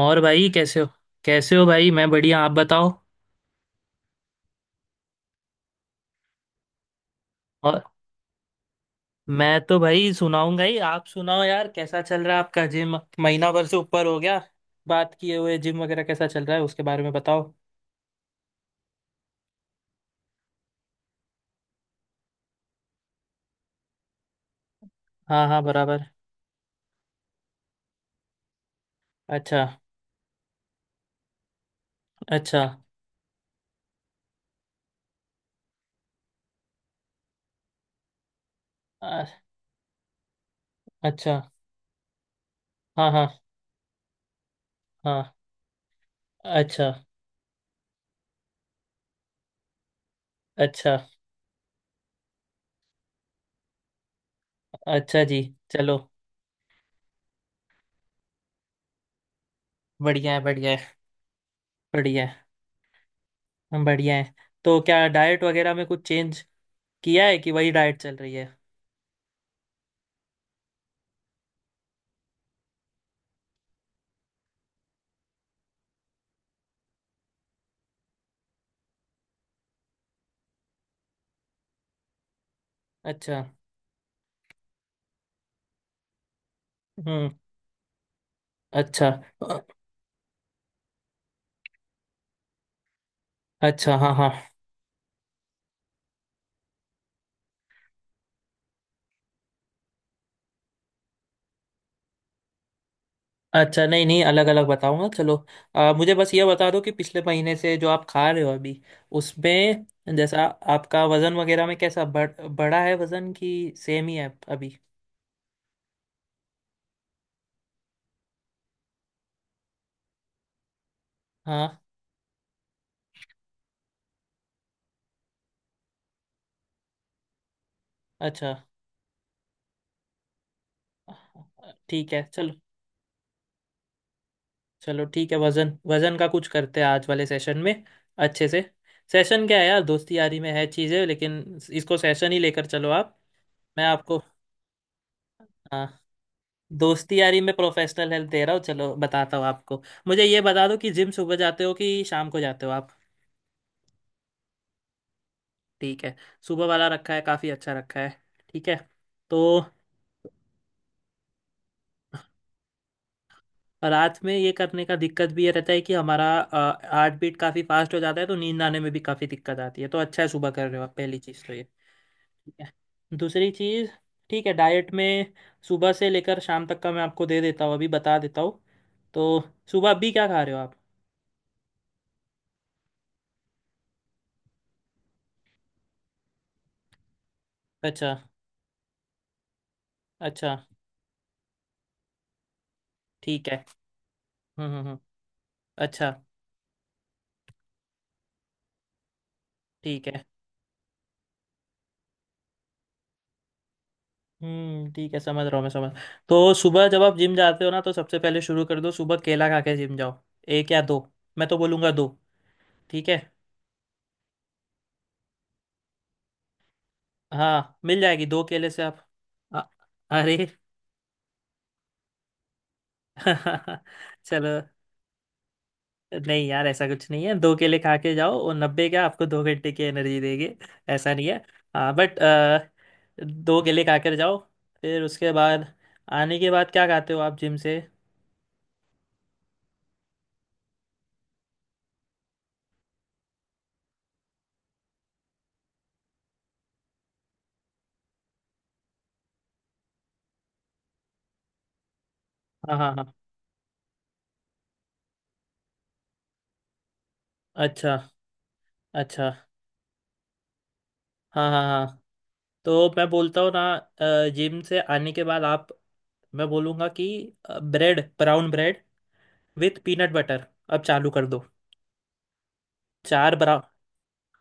और भाई कैसे हो। कैसे हो भाई? मैं बढ़िया, आप बताओ। और, मैं तो भाई सुनाऊंगा ही, आप सुनाओ यार, कैसा चल रहा है आपका जिम? महीना भर से ऊपर हो गया बात किए हुए, जिम वगैरह कैसा चल रहा है उसके बारे में बताओ। हाँ हाँ, बराबर। अच्छा। अच्छा। अ- अच्छा। हाँ हाँ हाँ। अच्छा। अच्छा। अच्छा जी। चलो। बढ़िया है, बढ़िया है। बढ़िया है, बढ़िया है। तो क्या डाइट वगैरह में कुछ चेंज किया है कि वही डाइट चल रही है? अच्छा। हम्म। अच्छा। अच्छा। हाँ हाँ। अच्छा, नहीं नहीं, अलग अलग बताऊंगा, चलो। मुझे बस ये बता दो कि पिछले महीने से जो आप खा रहे हो अभी, उसमें जैसा आपका वजन वगैरह में कैसा बढ़ा है, वजन कि सेम ही है अभी? हाँ। अच्छा। ठीक है, चलो। चलो, ठीक है, वजन वजन का कुछ करते हैं आज वाले सेशन में, अच्छे से। सेशन क्या है यार, दोस्ती यारी में है चीज़ें, लेकिन इसको सेशन ही लेकर चलो आप। मैं आपको। हाँ। दोस्ती यारी में प्रोफेशनल हेल्प दे रहा हूँ, चलो बताता हूँ आपको। मुझे ये बता दो कि जिम सुबह जाते हो कि शाम को जाते हो आप? ठीक है। सुबह वाला रखा है, काफ़ी अच्छा रखा है। ठीक है। तो रात में ये करने का दिक्कत भी ये रहता है कि हमारा हार्ट बीट काफ़ी फास्ट हो जाता है, तो नींद आने में भी काफ़ी दिक्कत आती है। तो अच्छा है सुबह कर रहे हो आप, पहली चीज़ तो ये। ठीक है। दूसरी चीज़, ठीक है, डाइट में सुबह से लेकर शाम तक का मैं आपको दे देता हूँ, अभी बता देता हूँ। तो सुबह अभी क्या खा रहे हो आप? अच्छा। अच्छा। ठीक है। हम्म हम्म हम्म, अच्छा। ठीक है। हम्म, ठीक है, समझ रहा हूँ मैं, समझ। तो सुबह जब आप जिम जाते हो ना, तो सबसे पहले शुरू कर दो, सुबह केला खा के जिम जाओ। एक या दो? मैं तो बोलूँगा दो। ठीक है। हाँ, मिल जाएगी दो केले से आप। अ- अरे! चलो। नहीं यार, ऐसा कुछ नहीं है, दो केले खा के जाओ, और 90 क्या, आपको 2 घंटे की एनर्जी देंगे। ऐसा नहीं है। हाँ, बट दो केले खा कर जाओ। फिर उसके बाद, आने के बाद क्या खाते हो आप जिम से? हाँ हाँ हाँ। अच्छा। अच्छा। हाँ हाँ हाँ। तो मैं बोलता हूँ ना, जिम से आने के बाद आप, मैं बोलूँगा कि bread, brown bread with peanut butter अब चालू कर दो। चार ब्राउन।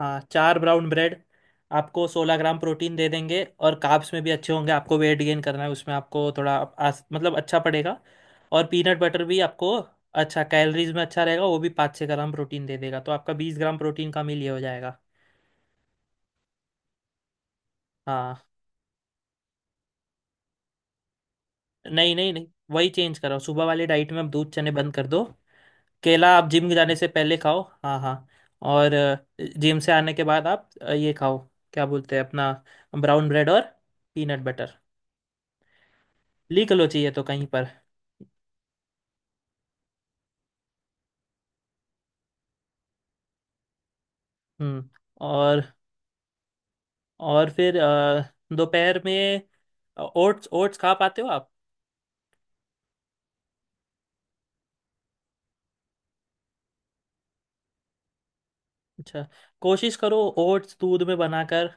हाँ, चार ब्राउन ब्रेड आपको 16 ग्राम प्रोटीन दे देंगे और कार्ब्स में भी अच्छे होंगे, आपको वेट गेन करना है उसमें आपको थोड़ा मतलब अच्छा पड़ेगा। और पीनट बटर भी आपको अच्छा, कैलोरीज में अच्छा रहेगा, वो भी 5-6 ग्राम प्रोटीन दे देगा, तो आपका 20 ग्राम प्रोटीन का मील ये हो जाएगा। हाँ। नहीं नहीं नहीं, वही चेंज करो, सुबह वाली डाइट में आप दूध चने बंद कर दो। केला आप जिम जाने से पहले खाओ, हाँ हाँ। और जिम से आने के बाद आप ये खाओ, क्या बोलते हैं अपना, ब्राउन ब्रेड और पीनट बटर। लिख लो चाहिए तो कहीं पर। हम्म। और और फिर दोपहर में ओट्स, ओट्स खा पाते हो आप? अच्छा। कोशिश करो ओट्स दूध में बनाकर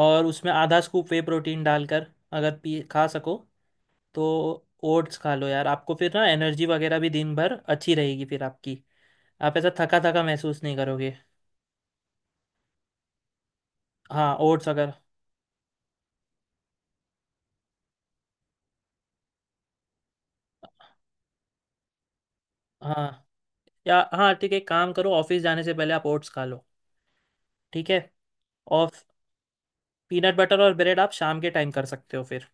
और उसमें आधा स्कूप वे प्रोटीन डालकर, अगर पी खा सको तो। ओट्स खा लो यार, आपको फिर ना एनर्जी वगैरह भी दिन भर अच्छी रहेगी फिर आपकी, आप ऐसा थका थका महसूस नहीं करोगे। हाँ ओट्स अगर। हाँ, या हाँ, ठीक है, एक काम करो, ऑफिस जाने से पहले आप ओट्स खा लो। ठीक है। और पीनट बटर और ब्रेड आप शाम के टाइम कर सकते हो फिर।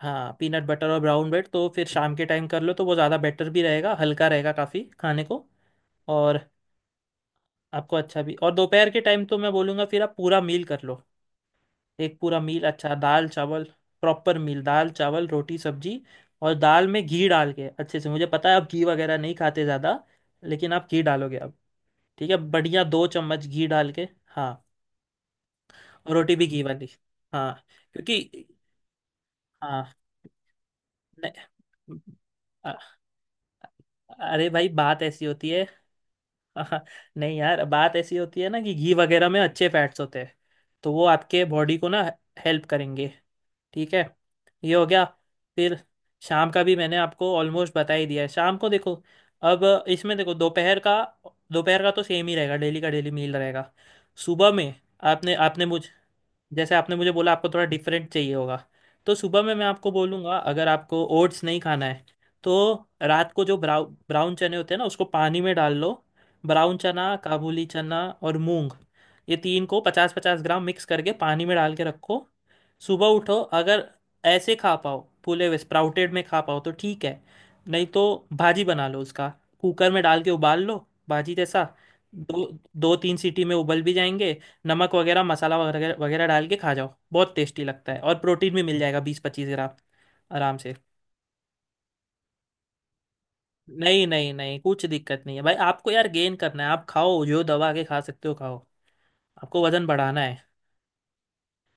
हाँ, पीनट बटर और ब्राउन ब्रेड तो फिर शाम के टाइम कर लो, तो वो ज़्यादा बेटर भी रहेगा, हल्का रहेगा काफ़ी खाने को और आपको अच्छा भी। और दोपहर के टाइम तो मैं बोलूँगा फिर आप पूरा मील कर लो, एक पूरा मील, अच्छा दाल चावल। प्रॉपर मील, दाल चावल रोटी सब्जी। और दाल में घी डाल के अच्छे से, मुझे पता है आप घी वगैरह नहीं खाते ज़्यादा, लेकिन आप घी डालोगे। ठीक है, बढ़िया, 2 चम्मच घी डाल के। हाँ। और रोटी भी घी वाली। हाँ। क्योंकि हाँ। नहीं, अरे भाई, बात ऐसी होती है। नहीं यार, बात ऐसी होती है ना कि घी वगैरह में अच्छे फैट्स होते हैं, तो वो आपके बॉडी को ना हेल्प करेंगे। ठीक है, ये हो गया। फिर शाम का भी मैंने आपको ऑलमोस्ट बता ही दिया है, शाम को देखो। अब इसमें देखो, दोपहर का, दोपहर का तो सेम ही रहेगा, डेली का डेली मील रहेगा। सुबह में आपने आपने मुझ जैसे आपने मुझे बोला, आपको थोड़ा डिफरेंट चाहिए होगा, तो सुबह में मैं आपको बोलूँगा, अगर आपको ओट्स नहीं खाना है तो रात को जो ब्राउन चने होते हैं ना, उसको पानी में डाल लो। ब्राउन चना, काबुली चना और मूंग, ये तीन को 50-50 ग्राम मिक्स करके पानी में डाल के रखो। सुबह उठो, अगर ऐसे खा पाओ, फूले हुए स्प्राउटेड में खा पाओ तो ठीक है, नहीं तो भाजी बना लो उसका। कुकर में डाल के उबाल लो, भाजी जैसा। दो, दो तीन सीटी में उबल भी जाएंगे। नमक वगैरह, मसाला वगैरह वगैरह डाल के खा जाओ, बहुत टेस्टी लगता है और प्रोटीन भी मिल जाएगा 20-25 ग्राम आराम से। नहीं नहीं नहीं, कुछ दिक्कत नहीं है भाई, आपको यार गेन करना है, आप खाओ जो दबा के खा सकते हो खाओ, आपको वजन बढ़ाना है।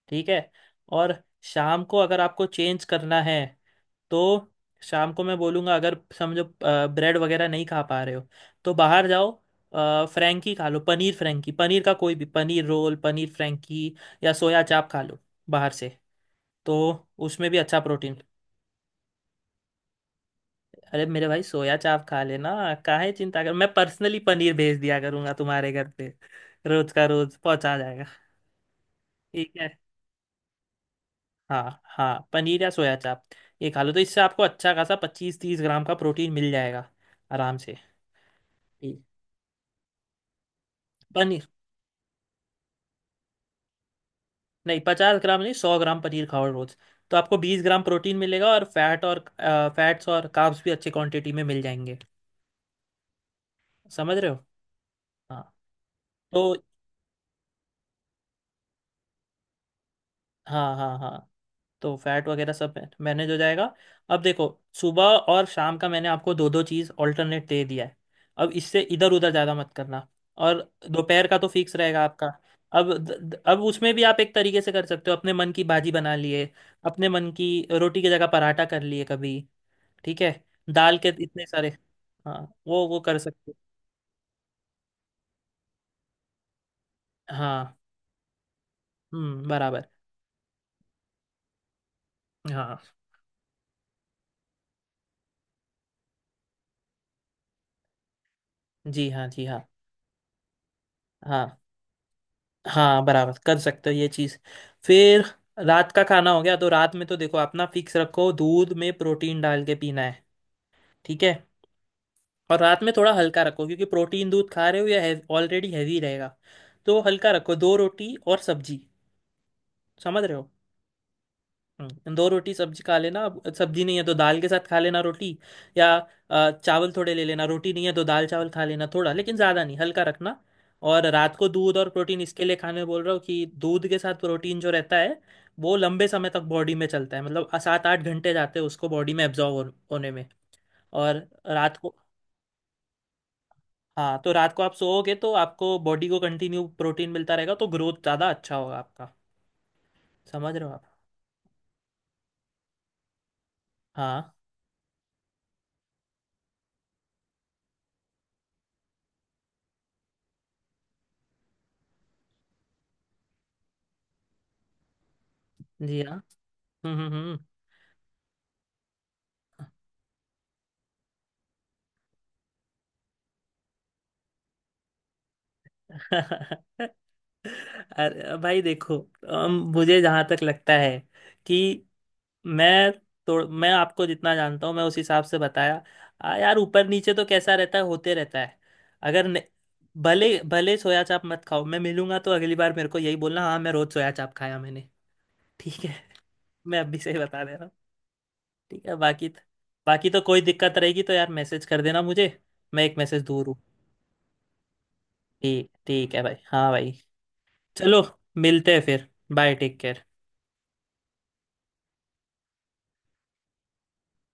ठीक है। और शाम को अगर आपको चेंज करना है तो शाम को मैं बोलूँगा, अगर समझो ब्रेड वगैरह नहीं खा पा रहे हो तो बाहर जाओ, फ्रैंकी खा लो, पनीर फ्रैंकी, पनीर का कोई भी, पनीर रोल, पनीर फ्रैंकी या सोया चाप खा लो बाहर से, तो उसमें भी अच्छा प्रोटीन। अरे मेरे भाई, सोया चाप खा लेना, काहे चिंता कर, मैं पर्सनली पनीर भेज दिया करूंगा तुम्हारे घर पे, रोज का रोज पहुंचा जाएगा। ठीक है, हाँ हाँ, पनीर या सोया चाप, ये खा लो तो इससे आपको अच्छा खासा 25-30 ग्राम का प्रोटीन मिल जाएगा आराम से। ठीक। पनीर, नहीं 50 ग्राम नहीं, 100 ग्राम पनीर खाओ रोज, तो आपको 20 ग्राम प्रोटीन मिलेगा और फैट और फैट्स और कार्ब्स भी अच्छी क्वांटिटी में मिल जाएंगे। समझ रहे हो? हाँ। तो हाँ हाँ हाँ, तो फैट वगैरह सब मैनेज हो जाएगा। अब देखो, सुबह और शाम का मैंने आपको दो दो चीज़ ऑल्टरनेट दे दिया है, अब इससे इधर उधर ज़्यादा मत करना। और दोपहर का तो फिक्स रहेगा आपका। अब अब उसमें भी आप एक तरीके से कर सकते हो, अपने मन की भाजी बना लिए, अपने मन की रोटी की जगह पराठा कर लिए कभी। ठीक है, दाल के इतने सारे। हाँ, वो कर सकते हो। हाँ। हम्म, बराबर। हाँ। जी हाँ, जी हाँ। हाँ हाँ, बराबर, कर सकते हो ये चीज़। फिर रात का खाना हो गया, तो रात में तो देखो अपना फिक्स रखो, दूध में प्रोटीन डाल के पीना है। ठीक है। और रात में थोड़ा हल्का रखो, क्योंकि प्रोटीन दूध खा रहे हो या ऑलरेडी हैवी रहेगा, तो हल्का रखो, दो रोटी और सब्जी। समझ रहे हो? दो रोटी सब्जी खा लेना, अब सब्जी नहीं है तो दाल के साथ खा लेना रोटी, या चावल थोड़े ले लेना, रोटी नहीं है तो दाल चावल खा लेना थोड़ा, लेकिन ज़्यादा नहीं, हल्का रखना। और रात को दूध और प्रोटीन इसके लिए खाने बोल रहा हूँ कि दूध के साथ प्रोटीन जो रहता है वो लंबे समय तक बॉडी में चलता है, मतलब 7-8 घंटे जाते हैं उसको बॉडी में एब्जॉर्व होने में। और रात को, हाँ तो रात को आप सोओगे तो आपको बॉडी को कंटिन्यू प्रोटीन मिलता रहेगा तो ग्रोथ ज़्यादा अच्छा होगा आपका। समझ रहे हो आप? हाँ जी हाँ। हम्म। अरे भाई देखो, मुझे जहां तक लगता है कि मैं, तो मैं आपको जितना जानता हूँ मैं उस हिसाब से बताया। यार ऊपर नीचे तो कैसा रहता है, होते रहता है। अगर न, भले भले सोया चाप मत खाओ, मैं मिलूंगा तो अगली बार मेरे को यही बोलना, हाँ मैं रोज सोया चाप खाया मैंने। ठीक है। मैं अभी से ही बता दे रहा हूँ। ठीक है, बाकी, बाकी तो कोई दिक्कत रहेगी तो यार मैसेज कर देना मुझे, मैं एक मैसेज दूर हूँ। ठीक, ठीक है भाई, हाँ भाई। चलो, मिलते हैं फिर। Bye, take care.